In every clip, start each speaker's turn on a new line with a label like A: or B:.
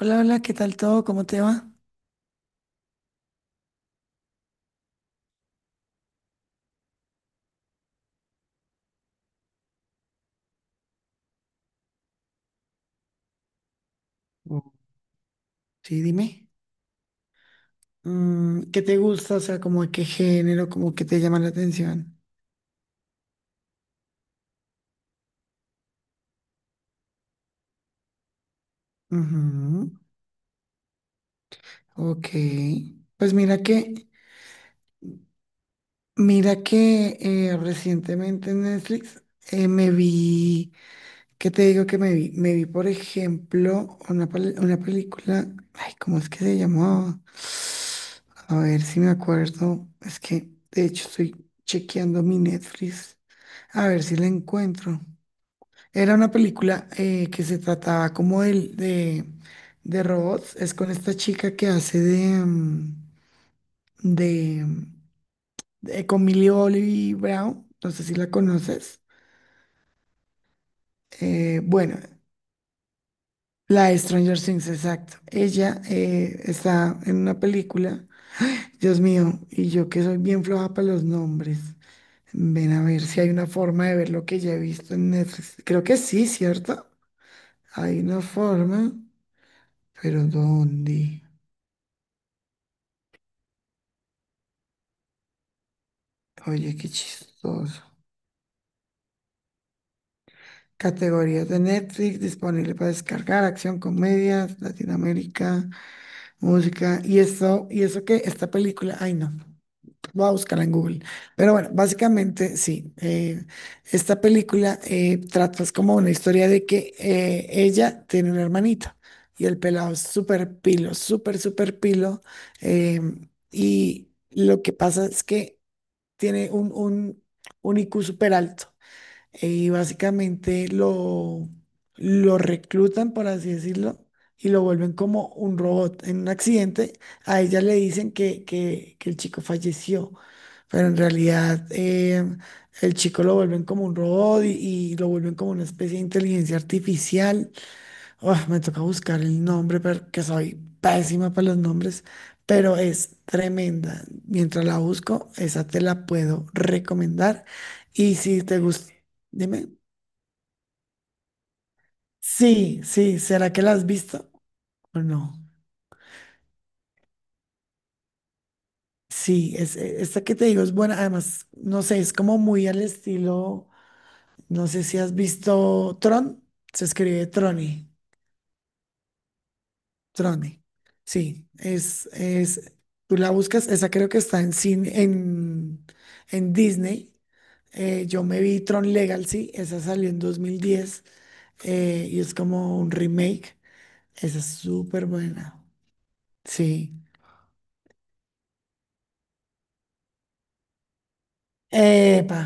A: Hola, hola, ¿qué tal todo? ¿Cómo te va? Mm, Sí, dime. ¿Qué te gusta? O sea, como de qué género, como que te llama la atención. Ujú. Ok. Pues mira que, Mira que recientemente en Netflix me vi, ¿qué te digo que me vi? Me vi, por ejemplo, una película, ay, ¿cómo es que se llamaba? A ver si me acuerdo. Es que, de hecho, estoy chequeando mi Netflix. A ver si la encuentro. Era una película que se trataba como de robots. Es con esta chica que hace de, mm, con Millie Bobby Brown. No sé si la conoces. Bueno, la de Stranger Things, exacto. Ella está en una película. Dios mío, y yo que soy bien floja para los nombres. Ven a ver si hay una forma de ver lo que ya he visto en Netflix. Creo que sí, ¿cierto? Hay una forma, pero ¿dónde? Oye, qué chistoso. Categorías de Netflix disponible para descargar, acción, comedias, Latinoamérica, música. Y eso que esta película, ay no, voy a buscarla en Google. Pero bueno, básicamente sí, esta película trata es como una historia de que ella tiene una hermanita y el pelado es súper pilo, súper pilo. Y lo que pasa es que tiene un I Q súper alto, y básicamente lo reclutan, por así decirlo, y lo vuelven como un robot. En un accidente, a ella le dicen que el chico falleció, pero en realidad el chico lo vuelven como un robot y lo vuelven como una especie de inteligencia artificial. Ah, me toca buscar el nombre porque soy pésima para los nombres, pero es tremenda. Mientras la busco, esa te la puedo recomendar. Y si te gusta, dime. Sí, sí, ¿será que la has visto o no? Sí, esta que te digo es buena. Además, no sé, es como muy al estilo, no sé si has visto Tron, se escribe Troni. Trone. Sí, tú la buscas, esa creo que está en Disney. Yo me vi Tron Legacy, esa salió en 2010 y es como un remake. Esa es súper buena. Sí. Epa.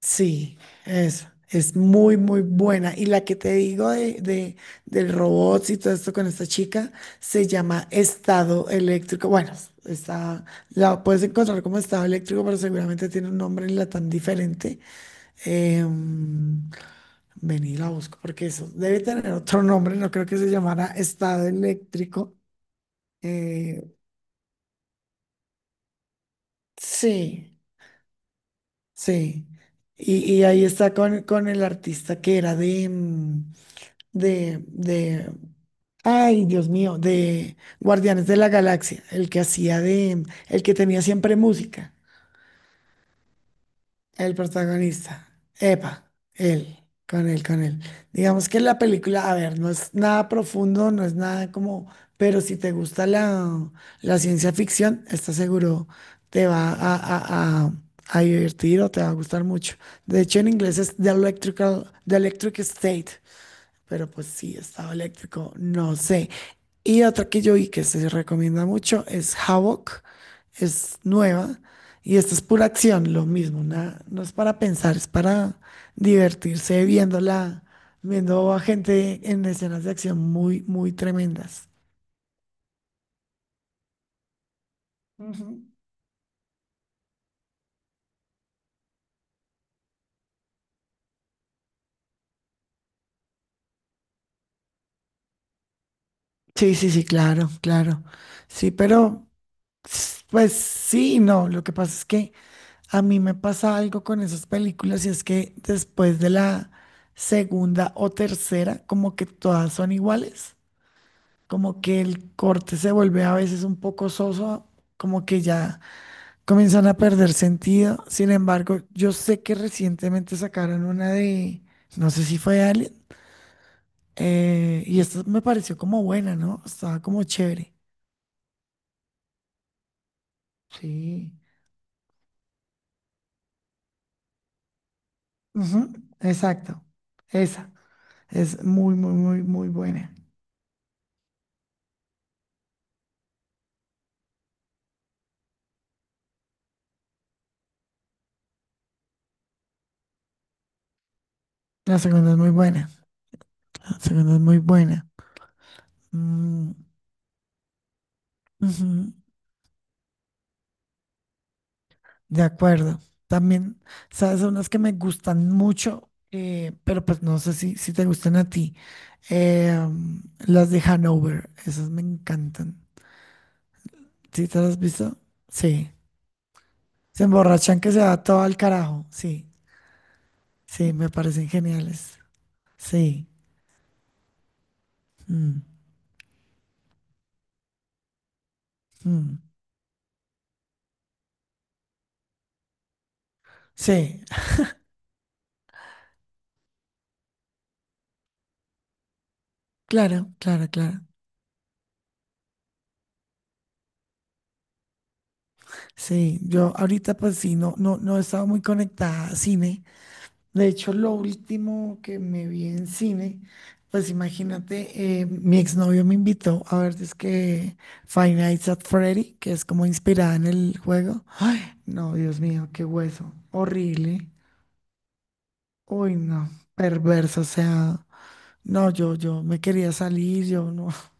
A: Sí, es muy, muy buena. Y la que te digo del robots y todo esto con esta chica se llama Estado Eléctrico. Bueno, está, la puedes encontrar como Estado Eléctrico, pero seguramente tiene un nombre en tan diferente. Em, Vení, la busco porque eso debe tener otro nombre. No creo que se llamara Estado Eléctrico. Eh, sí, sí. Y ahí está con el artista que era de... de, de, ay, Dios mío, de Guardianes de la Galaxia, el que hacía de, el que tenía siempre música, el protagonista. Epa, él, con él. Digamos que la película, a ver, no es nada profundo, no es nada como, pero si te gusta la ciencia ficción, está seguro te va a divertir o te va a gustar mucho. De hecho, en inglés es The Electric State. Pero pues sí, estado eléctrico, no sé. Y otra que yo vi que se recomienda mucho es Havoc, es nueva y esta es pura acción, lo mismo, no es para pensar, es para divertirse viéndola, viendo a gente en escenas de acción muy, muy tremendas. Ujú. Sí, sí, sí, claro, claro. Sí, pero pues sí, y no, lo que pasa es que... A mí me pasa algo con esas películas y es que después de la segunda o tercera, como que todas son iguales, como que el corte se vuelve a veces un poco soso, como que ya comienzan a perder sentido. Sin embargo, yo sé que recientemente sacaron una de, no sé si fue Alien, y esta me pareció como buena, ¿no? Estaba como chévere. Sí. Ujú, exacto. Esa es muy, muy, muy, muy buena. La segunda es muy buena. Fernanda es muy buena. Mm, ujú, de acuerdo. También, ¿sabes? Son las que me gustan mucho, pero pues no sé si, si te gustan a ti. Eh, mm, las de Hanover, esas me encantan. ¿Sí te las has visto? Sí. Se emborrachan que se va todo al carajo. Sí, sí, me parecen geniales. Sí. Mm, mm. Sí, claro, claro, claro. Sí, yo ahorita pues sí, no, no, no he estado muy conectada a cine. De hecho, lo último que me vi en cine, pues imagínate, mi exnovio me invitó a ver, es que Five Nights at Freddy, que es como inspirada en el juego. Ay, no, Dios mío, qué hueso, horrible. Uy, no, perverso, o sea, no, yo me quería salir, yo no,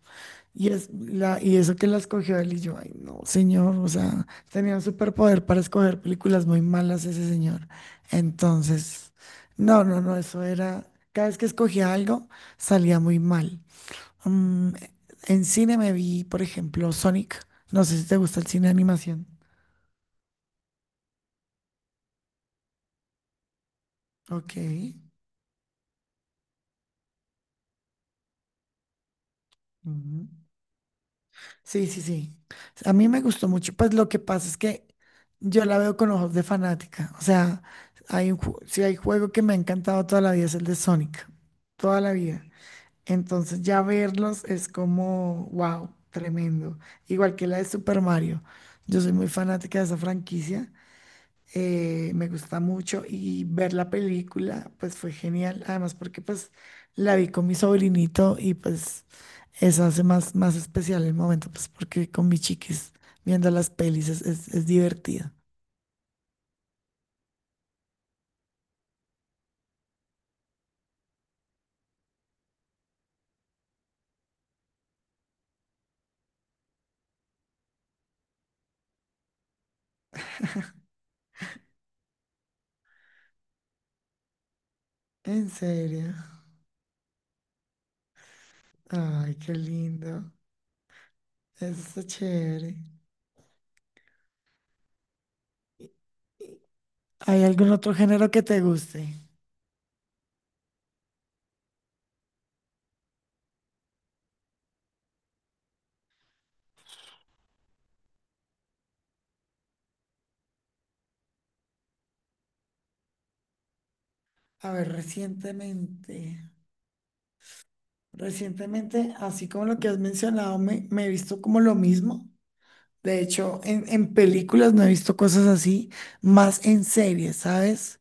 A: Y, y eso que la escogió él y yo, ay, no, señor, o sea, tenía un superpoder para escoger películas muy malas ese señor. Entonces, no, no, no, eso era, cada vez que escogía algo salía muy mal. Mm, en cine me vi, por ejemplo, Sonic, no sé si te gusta el cine de animación. Ok. Ujú. Sí, sí, sí. A mí me gustó mucho. Pues lo que pasa es que yo la veo con ojos de fanática. O sea, si hay juego que me ha encantado toda la vida es el de Sonic. Toda la vida. Entonces ya verlos es como, wow, tremendo. Igual que la de Super Mario. Yo soy muy fanática de esa franquicia me gusta mucho y ver la película pues fue genial, además porque pues la vi con mi sobrinito y pues eso hace más, más especial el momento, pues porque con mis chiquis viendo las pelis es divertido. En serio, ay, qué lindo, eso está chévere. ¿Y- y ¿Hay algún otro género que te guste? A ver, recientemente, así como lo que has mencionado, me he visto como lo mismo. De hecho, en películas no he visto cosas así, más en series, ¿sabes?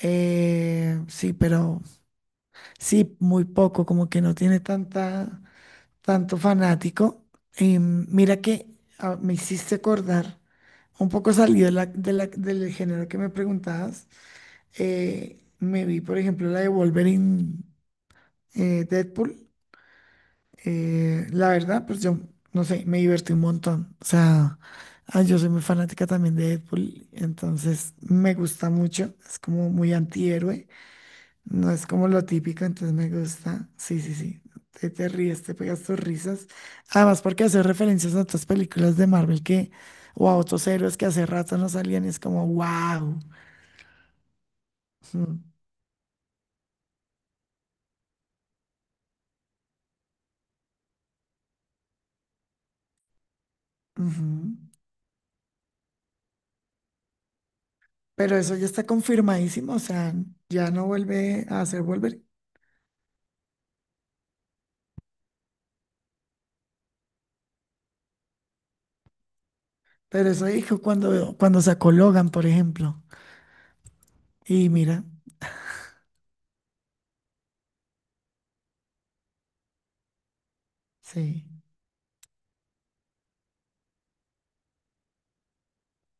A: Sí, pero sí, muy poco, como que no tiene tanta, tanto fanático. Y mira que ah, me hiciste acordar, un poco salido del género que me preguntabas. Me vi, por ejemplo, la de Wolverine, Deadpool. La verdad, pues yo, no sé, me divertí un montón. O sea, ah, yo soy muy fanática también de Deadpool, entonces me gusta mucho. Es como muy antihéroe, no es como lo típico, entonces me gusta. Sí, sí, sí. Te ríes, te pegas tus risas. Además, porque hace referencias a otras películas de Marvel que, o a otros héroes que hace rato no salían, y es como, wow. Ujú, ujú. Pero eso ya está confirmadísimo, o sea, ya no vuelve a hacer volver. Pero eso dijo cuando sacó Logan, por ejemplo. Y mira, sí,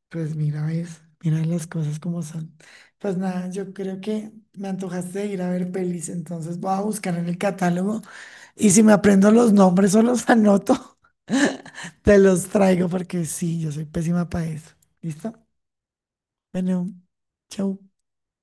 A: pues mira, ves, mira las cosas como son. Pues nada, yo creo que me antojaste de ir a ver pelis, entonces voy a buscar en el catálogo y si me aprendo los nombres o los anoto, te los traigo porque sí, yo soy pésima para eso. ¿Listo? Bueno, chau.